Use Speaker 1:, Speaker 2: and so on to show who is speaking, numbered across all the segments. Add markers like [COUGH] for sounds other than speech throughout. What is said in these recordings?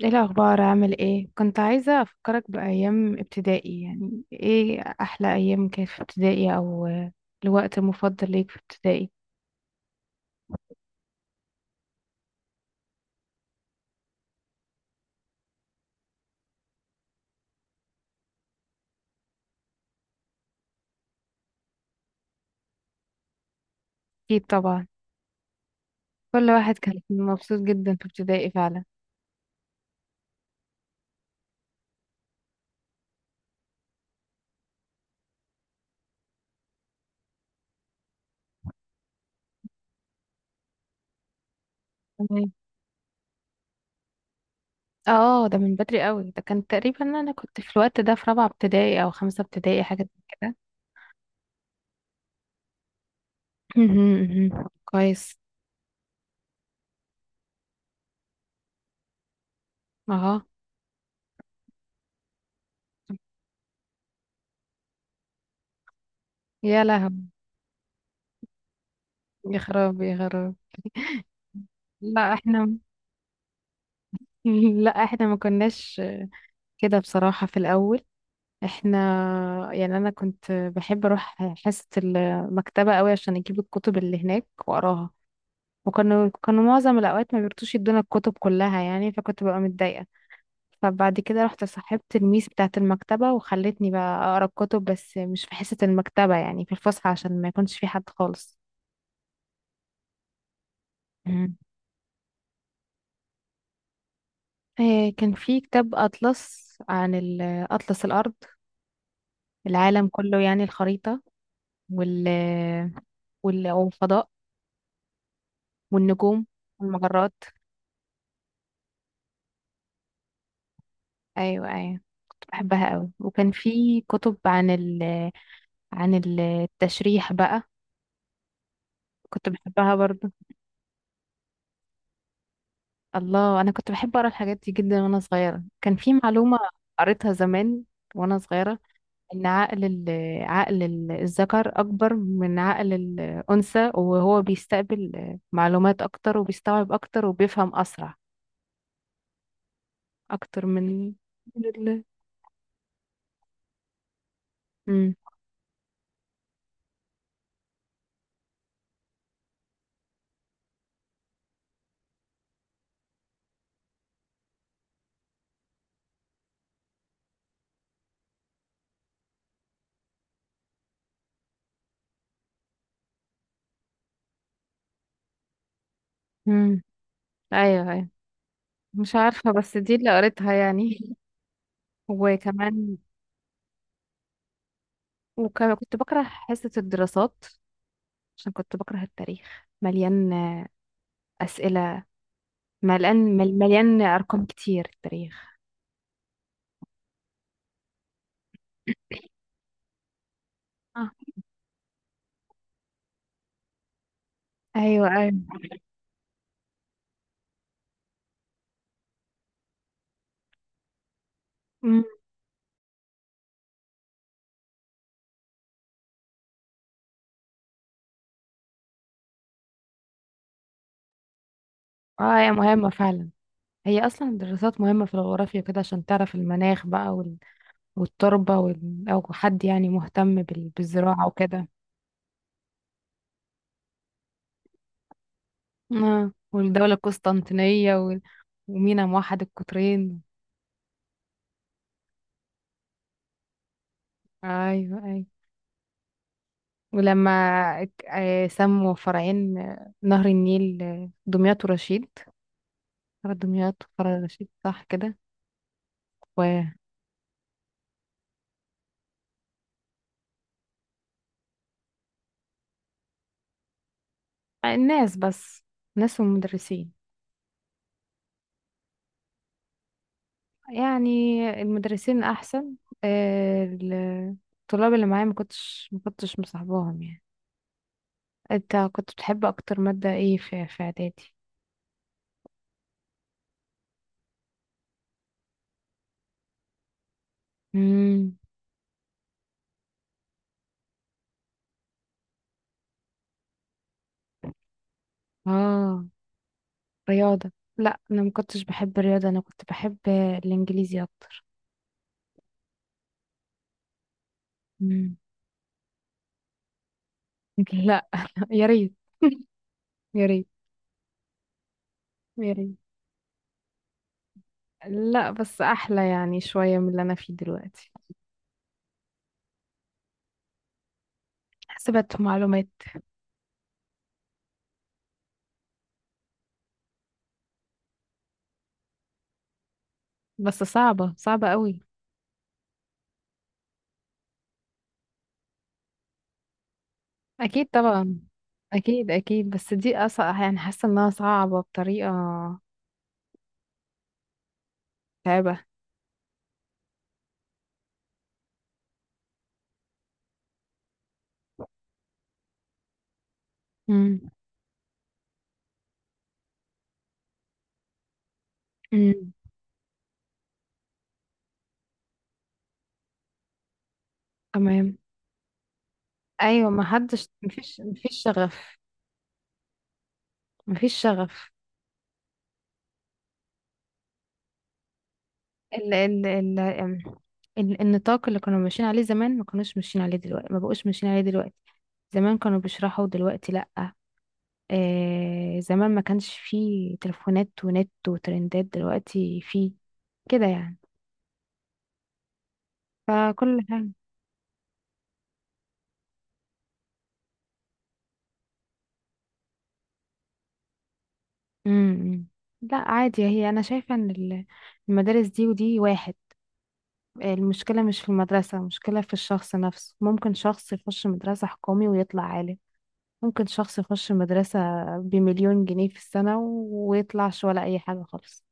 Speaker 1: ايه الاخبار؟ عامل ايه؟ كنت عايزه افكرك بايام ابتدائي. يعني ايه احلى ايام كانت في ابتدائي او الوقت المفضل ليك في ابتدائي؟ اكيد طبعا. كل واحد كان مبسوط جدا في ابتدائي فعلا. تمام. اه، ده من بدري قوي. ده كان تقريبا انا كنت في الوقت ده في رابعه ابتدائي او خمسه ابتدائي حاجه زي كده. مهم، مهم. كويس. اه، يا لهوي. يا خراب يا خراب. لا احنا [LAUGHS] لا احنا ما كناش كده بصراحه في الاول. احنا يعني انا كنت بحب اروح حصة المكتبة قوي عشان اجيب الكتب اللي هناك واقراها. وكانوا معظم الاوقات ما بيرتوش يدونا الكتب كلها يعني، فكنت ببقى متضايقة. فبعد كده رحت صاحبت الميس بتاعة المكتبة وخلتني بقى اقرا الكتب بس مش في حصة المكتبة، يعني في الفسحة عشان ما يكونش في حد خالص. مم. كان في كتاب أطلس عن أطلس الأرض، العالم كله يعني الخريطة. وال والفضاء والنجوم والمجرات. ايوه ايوه، كنت بحبها قوي. وكان في كتب عن عن التشريح بقى، كنت بحبها برضو. الله، انا كنت بحب اقرا الحاجات دي جدا وانا صغيره. كان في معلومه قريتها زمان وانا صغيره ان عقل الذكر اكبر من عقل الانثى، وهو بيستقبل معلومات اكتر وبيستوعب اكتر وبيفهم اسرع اكتر من. من ال امم امم ايوه ايوه، مش عارفه بس دي اللي قريتها يعني. [LAUGHS] وكمان كنت بكره حصة الدراسات، عشان كنت بكره التاريخ. مليان أسئلة، مليان أرقام كتير التاريخ. آه. أيوة أيوة. أمم. اه، هي مهمة فعلا. هي أصلا الدراسات مهمة في الجغرافيا كده عشان تعرف المناخ بقى والتربة، أو حد يعني مهتم بالزراعة وكده. آه. والدولة القسطنطينية ومينا موحد القطرين. أيوة أيوة. ولما سموا فرعين، نهر النيل، دمياط ورشيد. فرع دمياط وفرع رشيد، صح كده؟ والناس بس. ناس والمدرسين. يعني، المدرسين أحسن. آه، الطلاب اللي معايا ما كنتش مصاحباهم يعني. انت كنت بتحب أكتر مادة ايه في إعدادي؟ امم. اه، رياضة؟ لا، أنا ما كنتش بحب الرياضة، أنا كنت بحب الإنجليزي أكتر. مم. [LAUGHS] لا، [LAUGHS] يا ريت يا ريت. ميري. لا بس احلى يعني شوية من اللي انا فيه دلوقتي. حسبت معلومات. بس صعبة، صعبة قوي. اكيد طبعا. اكيد اكيد، بس دي اصعب يعني، حاسة انها صعبة بطريقة تعبة. امم. امم. تمام. ايوه، ما حدش مفيش شغف. مفيش شغف. ال ال ال النطاق اللي كانوا ماشيين عليه زمان ما كانوش ماشيين عليه دلوقتي، ما بقوش ماشيين عليه دلوقتي. زمان كانوا بيشرحوا، دلوقتي لا. آه، زمان ما كانش فيه تليفونات ونت وترندات، دلوقتي فيه كده يعني. فكل حاجة. امم. لا عادي، هي انا شايفة ان المدارس دي ودي واحد. المشكلة مش في المدرسة، المشكلة في الشخص نفسه. ممكن شخص يخش مدرسة حكومي ويطلع عالم. ممكن شخص يخش مدرسة بمليون جنيه في السنة ويطلعش ولا أي حاجة خالص.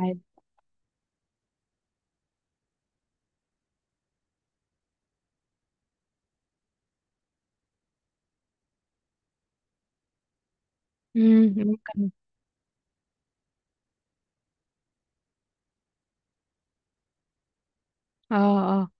Speaker 1: عادي. امم، ممكن. اه،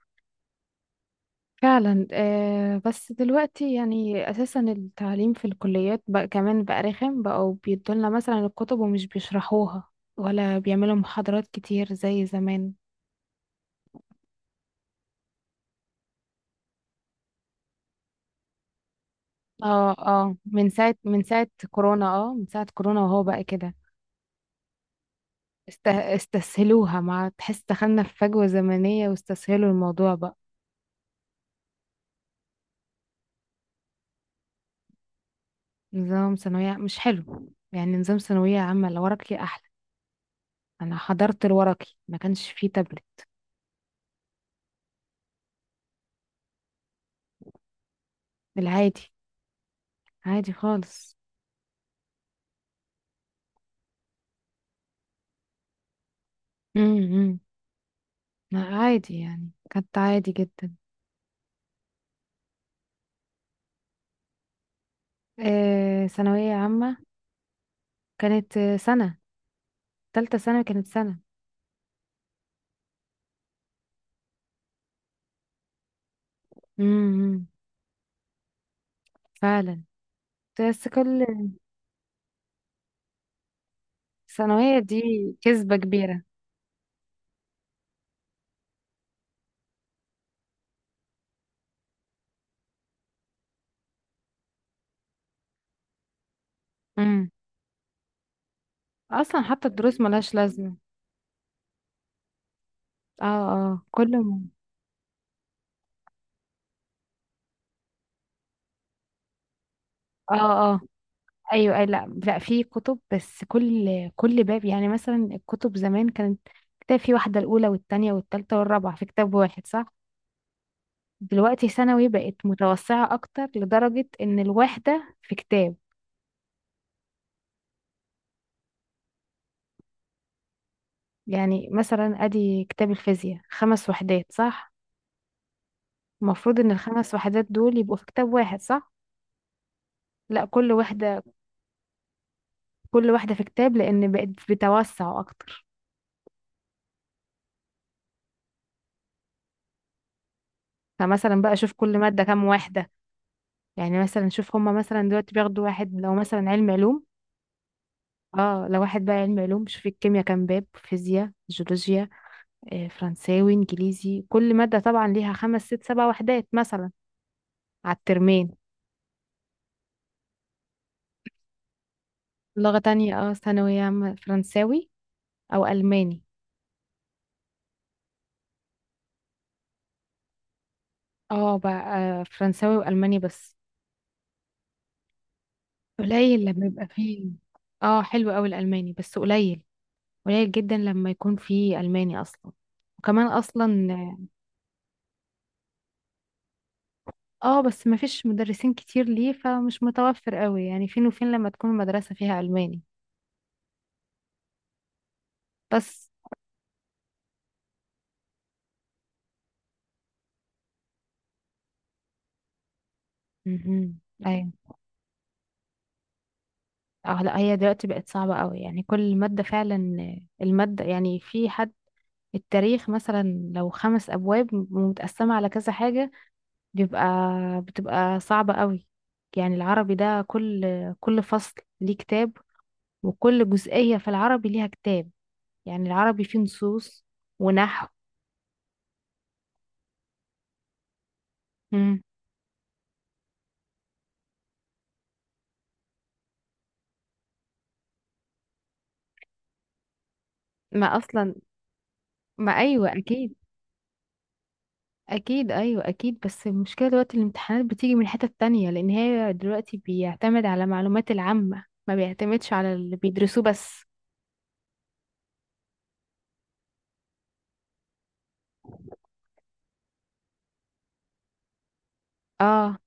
Speaker 1: فعلا. بس دلوقتي يعني اساسا التعليم في الكليات بقى كمان بقى رخم. بقوا بيدولنا مثلا الكتب ومش بيشرحوها، ولا بيعملوا محاضرات كتير زي زمان. اه، اه، من ساعة كورونا وهو بقى كده. استسهلوها. مع تحس دخلنا في فجوة زمنية، واستسهلوا الموضوع بقى. نظام ثانوية مش حلو يعني. نظام ثانوية عامة الورقي أحلى. أنا حضرت الورقي، ما كانش فيه تابلت. العادي، عادي خالص. مم، مم. لا عادي، يعني كانت عادي جدا. آه، ثانوية عامة كانت سنة. تالتة سنة، كانت سنة. امم، فعلا. بس كل ثانوية دي كذبة كبيرة. امم. أصلا حتى الدروس ملهاش لازمة. اه، اه، اه، اه، ايوه، اي، لا، لا، في كتب بس كل باب، يعني مثلا الكتب زمان كانت كتاب. في واحدة الأولى والتانية والتالتة والرابعة في كتاب واحد، صح؟ دلوقتي ثانوي بقت متوسعة أكتر لدرجة إن الواحدة في كتاب. يعني مثلا، ادي كتاب الفيزياء خمس وحدات، صح؟ المفروض ان الخمس وحدات دول يبقوا في كتاب واحد، صح؟ لا، كل وحدة، كل واحدة في كتاب لان بقت بتوسع اكتر. فمثلا بقى شوف كل مادة كام واحدة. يعني مثلا شوف هما مثلا دلوقتي بياخدوا واحد، لو مثلا علم علوم. اه، لو واحد بقى علم علوم شوف الكيمياء كام باب، فيزياء، جيولوجيا، فرنساوي، انجليزي. كل مادة طبعا ليها خمس ست سبع وحدات مثلا، على الترمين. لغة تانية، اه، ثانوية عامة فرنساوي او الماني. اه بقى، فرنساوي والماني بس. قليل لما يبقى فيه. اه، حلو قوي الالماني بس قليل. قليل جدا لما يكون في الماني اصلا. وكمان اصلا. اه، بس ما فيش مدرسين كتير ليه، فمش متوفر قوي، يعني فين وفين لما تكون المدرسة فيها الماني بس. امم. ايوه. اه، لا هي دلوقتي بقت صعبة قوي يعني. كل مادة فعلا. المادة يعني في حد. التاريخ مثلا لو خمس ابواب ومتقسمة على كذا حاجة، بيبقى بتبقى صعبة قوي. يعني العربي ده كل فصل ليه كتاب، وكل جزئية في العربي ليها كتاب. يعني العربي فيه نصوص ونحو. مم. ما أصلا. ما أيوة أكيد. أكيد أيوة أكيد، بس المشكلة دلوقتي الامتحانات بتيجي من حتة تانية، لأن هي دلوقتي بيعتمد على معلومات العامة، ما بيعتمدش على اللي بيدرسوه بس. اه.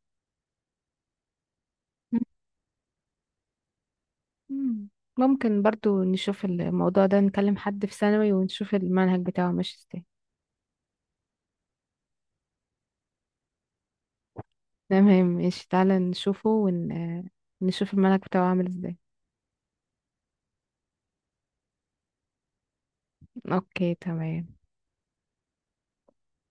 Speaker 1: مم. ممكن برضو نشوف الموضوع ده، نكلم حد في ثانوي ونشوف المنهج بتاعه ماشي ازاي. تمام ماشي، تعالى نشوفه نشوف الملك بتاعه عامل ازاي. اوكي تمام.